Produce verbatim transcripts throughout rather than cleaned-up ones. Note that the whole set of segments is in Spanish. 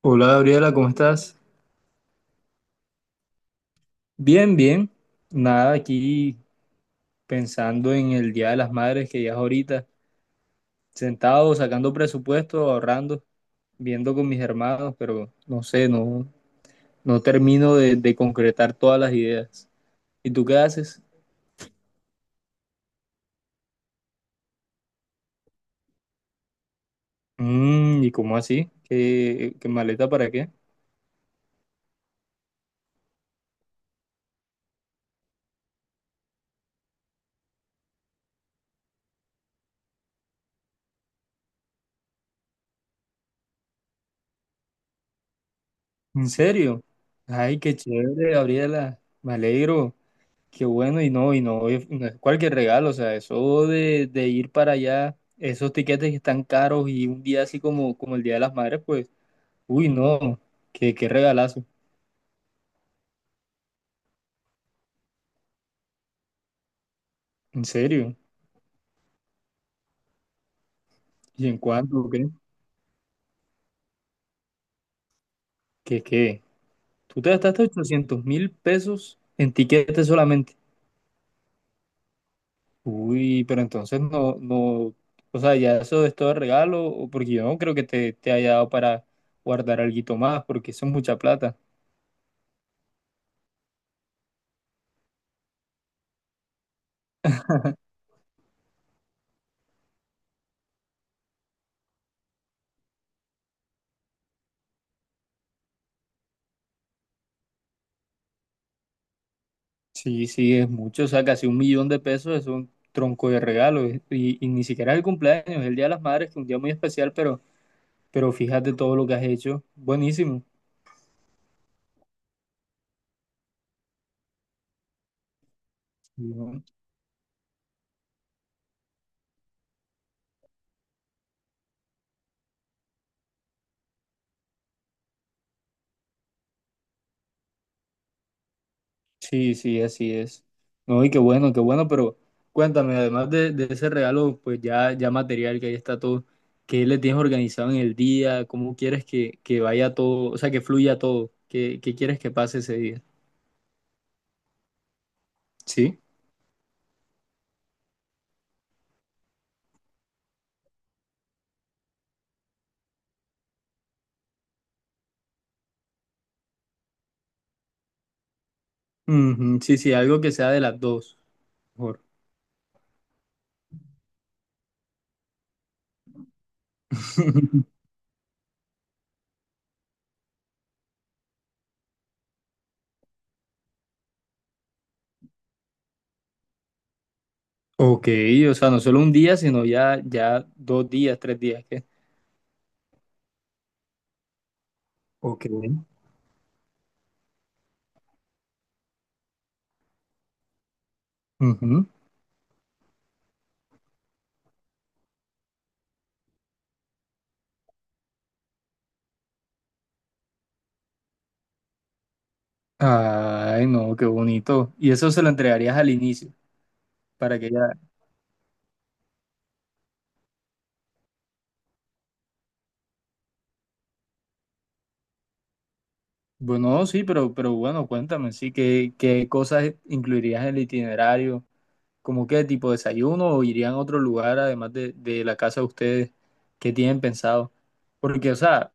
Hola Gabriela, ¿cómo estás? Bien, bien. Nada, aquí pensando en el Día de las Madres que ya es ahorita, sentado, sacando presupuesto, ahorrando, viendo con mis hermanos, pero no sé, no, no termino de, de concretar todas las ideas. ¿Y tú qué haces? Mm, ¿y cómo así? ¿Qué, qué maleta para qué? ¿En serio? Ay, qué chévere, Gabriela. Me alegro. Qué bueno, y no, y no, es- no es cualquier regalo, o sea, eso de, de ir para allá, esos tiquetes que están caros y un día así como, como el Día de las Madres, pues, uy, no, qué, qué regalazo, en serio. ¿Y en cuánto? ¿Qué? ¿Qué, qué? Tú te gastaste ochocientos mil pesos en tiquetes solamente. Uy, pero entonces no, no, o sea, ya eso es todo regalo, o porque yo no creo que te, te haya dado para guardar alguito más, porque eso es mucha plata. Sí, sí, es mucho, o sea, casi un millón de pesos es un tronco de regalo es- y, y ni siquiera es el cumpleaños, es el Día de las Madres, que es un día muy especial, pero, pero fíjate todo lo que has hecho, buenísimo. ¿No? Sí, sí, así es. No, y qué bueno, qué bueno, pero cuéntame, además de, de ese regalo, pues ya, ya material que ahí está todo, ¿qué le tienes organizado en el día? ¿Cómo quieres que, que vaya todo, o sea, que fluya todo? ¿Qué, qué quieres que pase ese día? Sí. Ujú, sí, sí, algo que sea de las dos. Mejor. Ok, o sea, no solo un día, sino ya, ya dos días, tres días, ¿qué? Ok. Ujú. Ay, no, qué bonito. Y eso se lo entregarías al inicio, para que ya... Bueno, sí, pero, pero bueno, cuéntame, sí, ¿qué, qué cosas incluirías en el itinerario? ¿Cómo qué tipo de desayuno o irían a otro lugar además de, de la casa de ustedes? ¿Qué tienen pensado? Porque, o sea,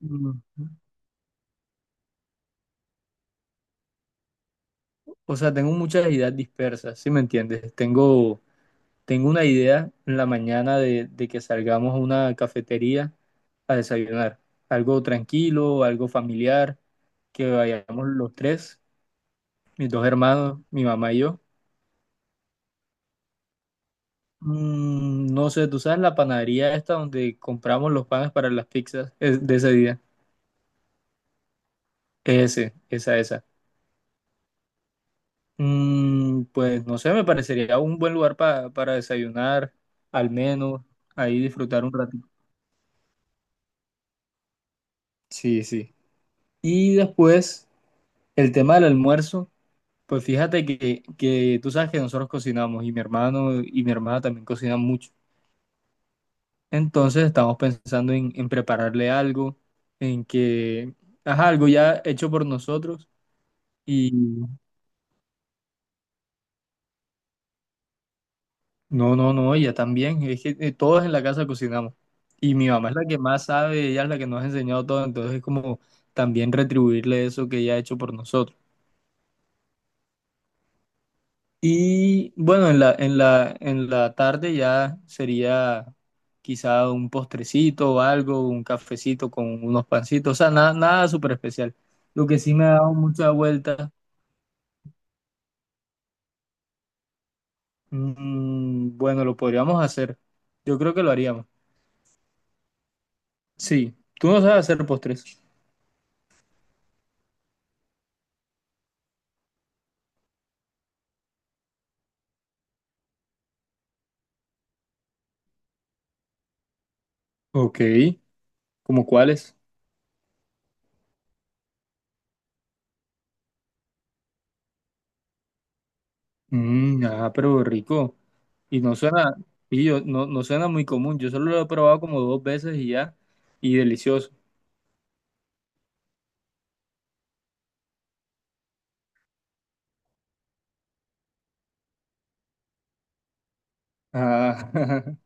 mm, o sea, tengo muchas ideas dispersas, ¿sí me entiendes? Tengo... Tengo una idea en la mañana de, de que salgamos a una cafetería a desayunar. Algo tranquilo, algo familiar, que vayamos los tres, mis dos hermanos, mi mamá y yo. Mm, no sé, tú sabes la panadería esta donde compramos los panes para las pizzas es de ese día. Ese, esa, esa. Mm, pues no sé, me parecería un buen lugar pa- para desayunar, al menos, ahí disfrutar un ratito. Sí, sí. Y después, el tema del almuerzo. Pues fíjate que, que tú sabes que nosotros cocinamos y mi hermano y mi hermana también cocinan mucho. Entonces estamos pensando en, en prepararle algo, en que haga algo ya hecho por nosotros. Y no, no, no, ella también. Es que eh, todos en la casa cocinamos. Y mi mamá es la que más sabe, ella es la que nos ha enseñado todo. Entonces es como también retribuirle eso que ella ha hecho por nosotros. Y bueno, en la, en la, en la tarde ya sería quizá un postrecito o algo, un cafecito con unos pancitos, o sea, nada, nada súper especial. Lo que sí me ha dado mucha vuelta, mm, bueno, lo podríamos hacer. Yo creo que lo haríamos. Sí, tú no sabes hacer postres. Ok, ¿como cuáles? Mm, ah, pero rico. Y no suena, y yo, no, no suena muy común. Yo solo lo he probado como dos veces y ya, y delicioso. Ah.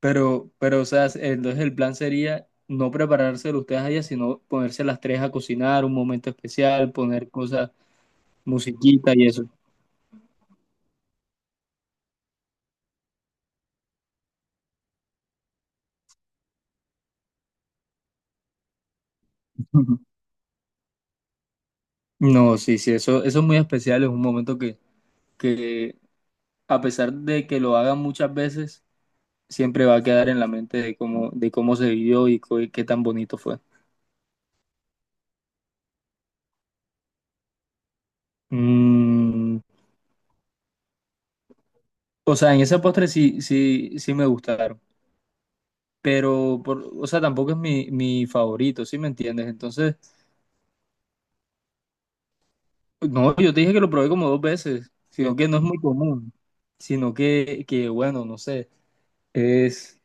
Pero, pero, o sea, entonces el plan sería no preparárselo ustedes allá, sino ponerse las tres a cocinar, un momento especial, poner cosas, musiquita y eso. Ujú. No, sí, sí, eso, eso es muy especial, es un momento que, que a pesar de que lo hagan muchas veces, siempre va a quedar en la mente de cómo, de cómo se vivió y co- y qué tan bonito fue. Mm, o sea, en ese postre sí, sí, sí me gustaron, pero, por, o sea, tampoco es mi, mi favorito, ¿sí me entiendes? Entonces... No, yo te dije que lo probé como dos veces, sino que no es muy común, sino que, que bueno, no sé, es,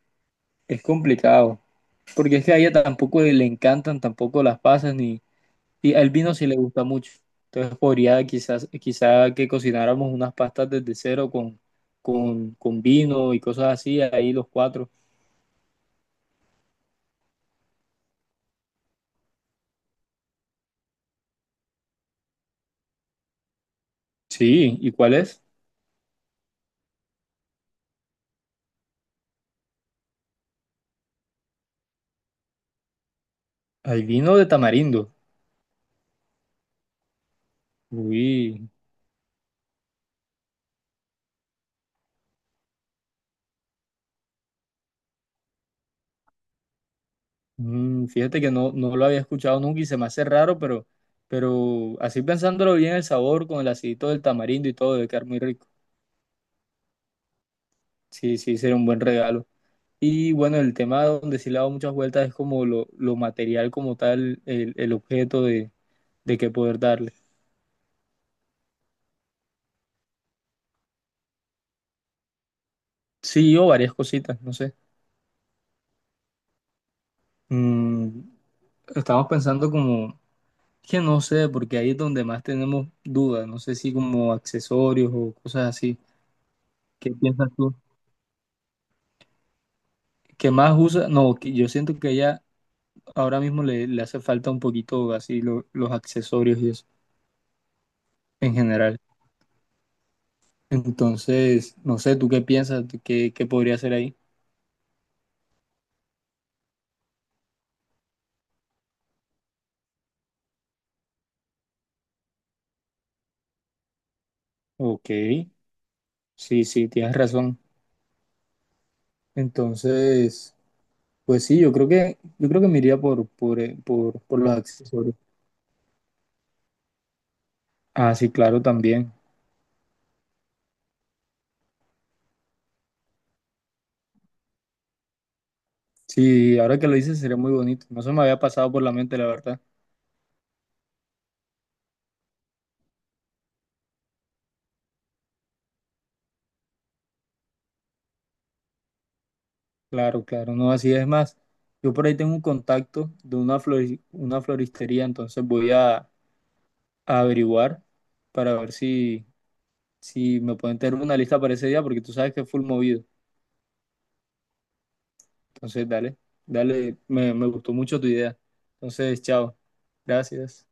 es complicado, porque es que a ella tampoco le encantan tampoco las pasas, ni, y al vino sí le gusta mucho, entonces podría quizás, quizá que cocináramos unas pastas desde cero con, con, con vino y cosas así, ahí los cuatro. Sí, ¿y cuál es? Hay vino de tamarindo. Uy. Mm, fíjate que no, no lo había escuchado nunca y se me hace raro, pero, pero así pensándolo bien, el sabor con el acidito del tamarindo y todo debe quedar muy rico. Sí, sí, sería un buen regalo. Y bueno, el tema donde sí le he dado muchas vueltas es como lo, lo material como tal, el, el objeto de, de que poder darle. Sí, o varias cositas, no sé. Mm, estamos pensando como, que no sé, porque ahí es donde más tenemos dudas, no sé si como accesorios o cosas así. ¿Qué piensas tú? ¿Qué más usa? No, que yo siento que ella ahora mismo le, le hace falta un poquito así lo- los accesorios y eso en general. Entonces, no sé, ¿tú qué piensas? ¿Tú ¿qué, qué podría hacer ahí? Ok, sí, sí, tienes razón. Entonces, pues sí, yo creo que, yo creo que me iría por, por, eh, por, por los accesorios. Ah, sí, claro, también. Sí, ahora que lo dices sería muy bonito. No se me había pasado por la mente, la verdad. Claro, claro, no, así es más. Yo por ahí tengo un contacto de una flori- una floristería, entonces voy a a averiguar para ver si, si me pueden tener una lista para ese día, porque tú sabes que es full movido. Entonces, dale, dale, me, me gustó mucho tu idea. Entonces, chao, gracias.